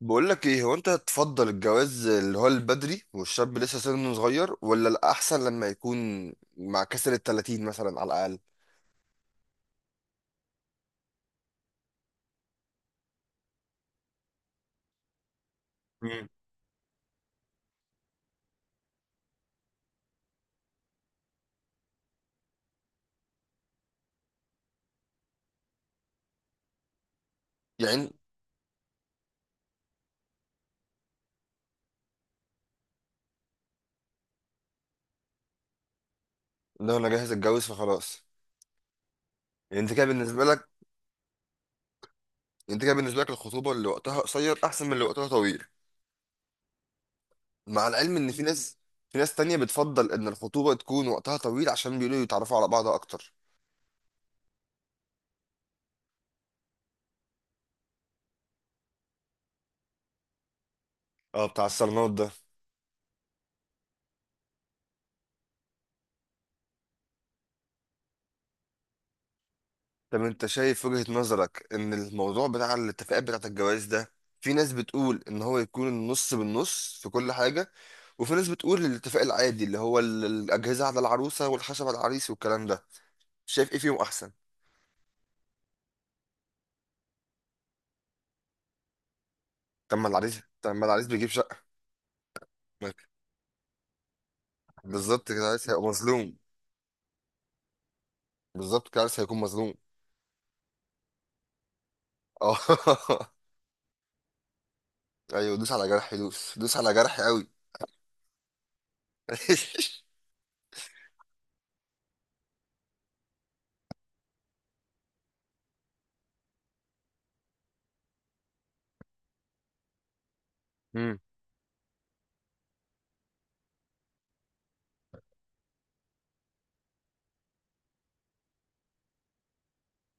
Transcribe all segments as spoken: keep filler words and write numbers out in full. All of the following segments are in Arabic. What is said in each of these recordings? بقول لك ايه، هو انت تفضل الجواز اللي هو البدري والشاب لسه سنه صغير، ولا الاحسن لما يكون مع كسر ال ثلاثين مثلا على الاقل؟ مم. يعني لو انا جاهز اتجوز فخلاص. يعني انت كده بالنسبه لك انت كده بالنسبه لك الخطوبه اللي وقتها قصير احسن من اللي وقتها طويل؟ مع العلم ان في ناس في ناس تانية بتفضل ان الخطوبه تكون وقتها طويل، عشان بيقولوا يتعرفوا على بعض اكتر. اه، بتاع الصالونات. طب انت شايف وجهة نظرك ان الموضوع بتاع الاتفاقات بتاعت الجواز ده، في ناس بتقول ان هو يكون النص بالنص في كل حاجة، وفي ناس بتقول الاتفاق العادي اللي هو ال- الاجهزة على العروسة والخشب على العريس والكلام ده. شايف ايه فيهم احسن؟ طب ما العريس، طب ما العريس بيجيب شقة. ما- بالظبط كده العريس هيبقى مظلوم. بالظبط كده العريس هيكون مظلوم. اه. ايوه، دوس على جرحي، دوس دوس على جرحي قوي.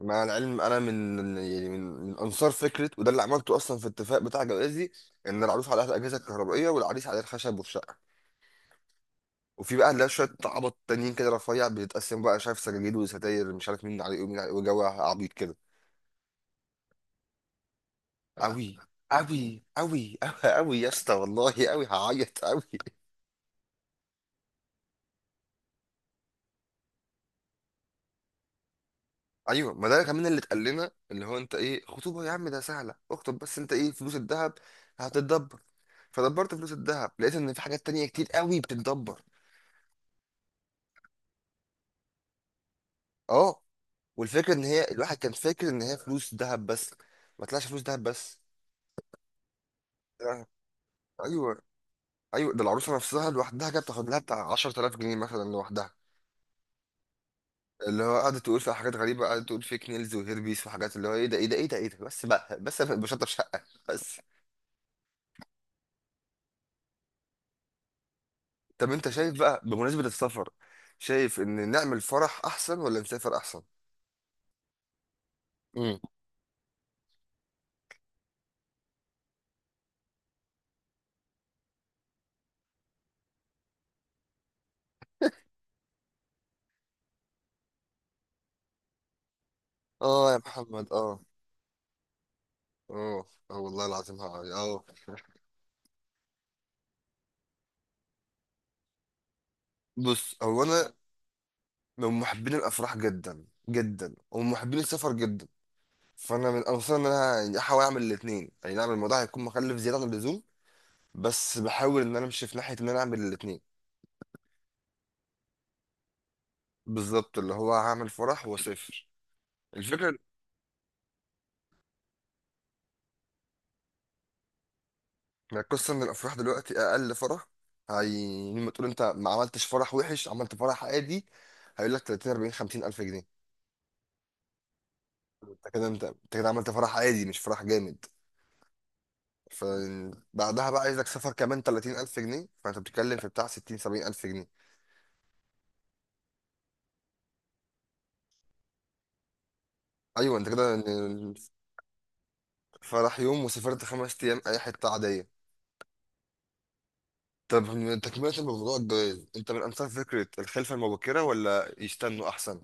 مع العلم انا من، يعني من من انصار فكره، وده اللي عملته اصلا في الاتفاق بتاع جوازي، ان العروس عليها الاجهزه الكهربائيه والعريس عليه الخشب والشقه. وفي بقى اللي هي شويه عبط تانيين كده، رفيع بيتقسم بقى، شايف سجاجيد وستاير مش عارف مين عليه ومين عليه وجو عبيط كده. قوي. قوي قوي. قوي يا اسطى، والله قوي، هعيط قوي. ايوه، ما ده كمان اللي اتقال لنا، اللي هو انت ايه خطوبه يا عم، ده سهله اكتب، بس انت ايه، فلوس الذهب هتتدبر. فدبرت فلوس الذهب، لقيت ان في حاجات تانية كتير قوي بتتدبر. اه. والفكره ان هي الواحد كان فاكر ان هي فلوس ذهب بس. ما طلعش فلوس ذهب بس. آه. ايوه. ايوه، ده العروسه نفسها لوحدها كانت بتاخد لها بتاع عشر آلاف جنيه مثلا لوحدها، اللي هو قعدت تقول فيها حاجات غريبه، قعدت تقول فيك نيلز وهيربيس وحاجات، اللي هو ايه ده ايه ده ايه ده ايه ده، بس بقى، بس أنا بشطب شقه بس. طب انت شايف بقى، بمناسبه السفر، شايف ان نعمل فرح احسن ولا نسافر احسن؟ امم. اه يا محمد، اه. اه اه، والله العظيم، اه. آه. بص، هو انا من محبين الافراح جدا جدا، ومن محبين السفر جدا. فانا من انصار ان انا، يعني احاول اعمل الاثنين. يعني نعم، الموضوع هيكون مكلف زياده عن اللزوم، بس بحاول ان انا امشي في ناحيه ان انا اعمل الاثنين. بالظبط، اللي هو هعمل فرح واسافر. الفكره إن القصه ان الافراح دلوقتي اقل فرح، هي لما تقول انت ما عملتش فرح وحش عملت فرح عادي، هيقول لك تلاتين أربعين خمسين الف جنيه. انت كده، انت انت كده عملت فرح عادي، مش فرح جامد. فبعدها بقى عايزك سفر كمان تلاتين ألف جنيه، فانت بتتكلم في بتاع ستين سبعين ألف جنيه. ايوه، انت كده يعني فرح يوم وسافرت خمس ايام اي حته عاديه. طب من تكمله الموضوع الجواز، انت من انصار فكره الخلفه المبكره ولا يستنوا احسن؟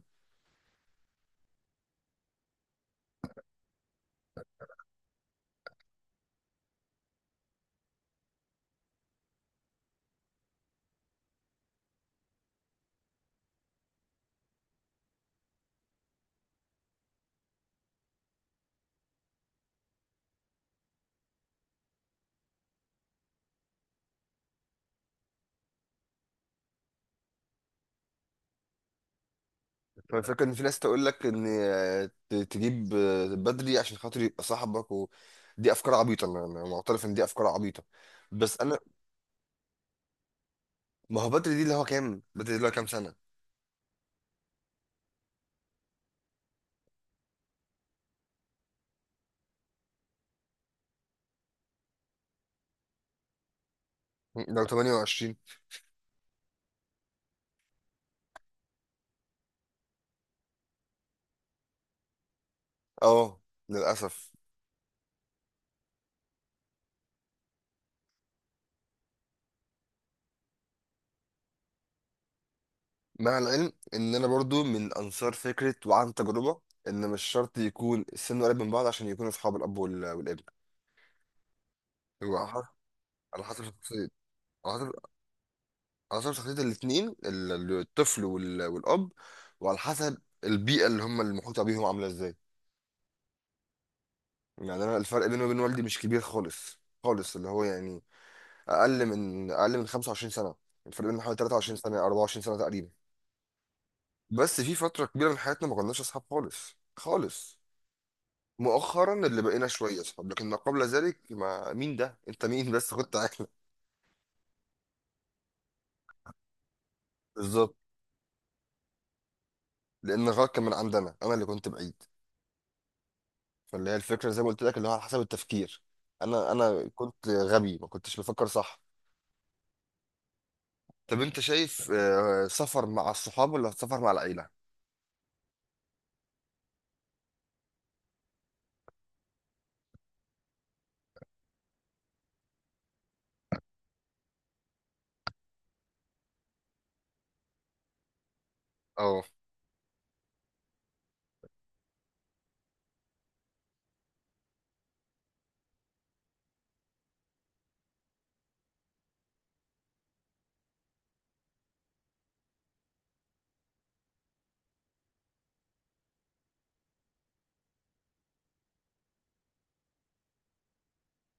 فالفكره ان في ناس تقول لك ان، آه، ت- تجيب، آه، بدري عشان خاطر يبقى صاحبك، ودي افكار عبيطه. انا أنا معترف ان دي افكار عبيطه، بس انا. ما هو بدري دي اللي هو كام بدري دي اللي هو كام سنه؟ لو تمانية وعشرين. اه، للاسف. مع العلم ان انا برضو من انصار فكره وعن تجربه، ان مش شرط يكون السن قريب من بعض عشان يكونوا اصحاب الاب وال- والابن. هو على حسب على حسب شخصيه، على حسب على حسب شخصيه الاثنين، الطفل وال- والاب، وعلى حسب البيئه اللي هم المحيطه بيهم عامله ازاي. يعني انا الفرق بيني وبين والدي مش كبير خالص خالص، اللي هو يعني اقل من اقل من خمسة وعشرين سنه. الفرق بيننا حوالي ثلاثة وعشرين سنه، أربعة وعشرين سنه تقريبا. بس في فتره كبيره من حياتنا ما كناش اصحاب خالص خالص. مؤخرا اللي بقينا شويه اصحاب، لكن ما قبل ذلك ما، مين ده انت مين بس، كنت عارف. بالظبط. لان غلط كان من عندنا، انا اللي كنت بعيد. فاللي هي الفكره زي ما قلت لك، اللي هو على حسب التفكير. انا انا كنت غبي، ما كنتش بفكر صح. طب انت شايف، آه، سفر مع الصحاب ولا سفر مع العيله؟ اه.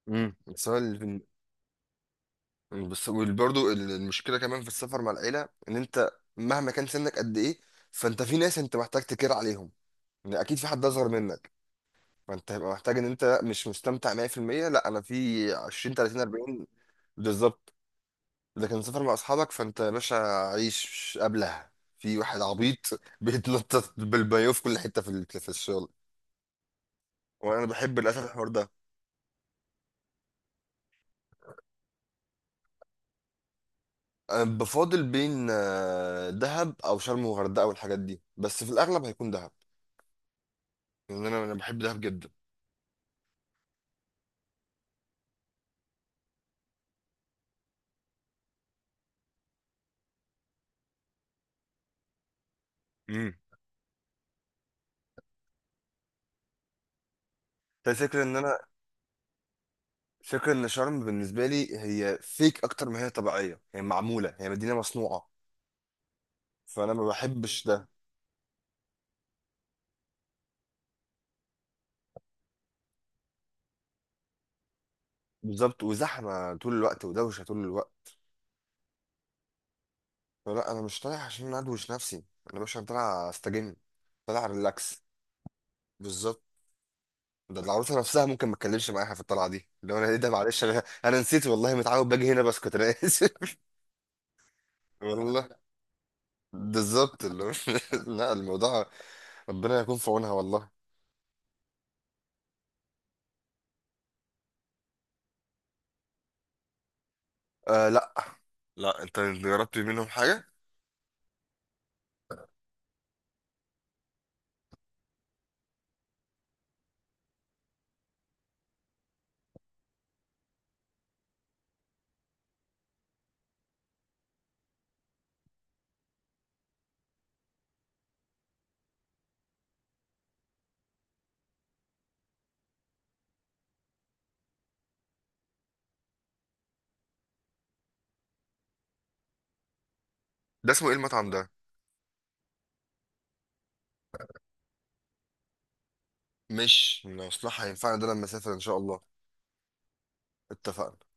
امم، السؤال، بس برضه المشكله كمان في السفر مع العيله ان انت مهما كان سنك قد ايه، فانت في ناس انت محتاج تكير عليهم، يعني اكيد في حد اصغر منك، فانت هيبقى محتاج ان انت مش مستمتع مئة في المئة. لا، انا في عشرين تلاتين أربعين. بالظبط. لكن سفر مع اصحابك فانت يا باشا، عيش قبلها، في واحد عبيط بيتنطط بالبايو في كل حته في ال- في الشغل. وانا بحب للاسف الحوار ده. انا بفاضل بين، آه، دهب او شرم وغردقه والحاجات دي، بس في الاغلب هيكون دهب، لان انا انا بحب دهب جدا. امم. الفكرة ان انا، فكرة ان شرم بالنسبة لي هي فيك اكتر ما هي طبيعية، هي معمولة، هي مدينة مصنوعة، فانا ما بحبش ده. بالظبط، وزحمة طول الوقت ودوشة طول الوقت. فلا، أنا مش طالع عشان أدوش نفسي، أنا مش طالع أستجم، طالع ريلاكس. بالظبط. ده العروسة نفسها ممكن ما تكلمش معاها في الطلعة دي لو أنا، إيه ده، معلش أنا، أنا نسيت، والله متعود باجي هنا بسكت، أنا آسف. والله. بالظبط اللي هو- لا، الموضوع، ربنا يكون في عونها والله. آه، لا. لا أنت جربت منهم حاجة. ده اسمه إيه المطعم ده؟ مش مصلحة، هينفعنا ده لما أسافر إن شاء الله. اتفقنا.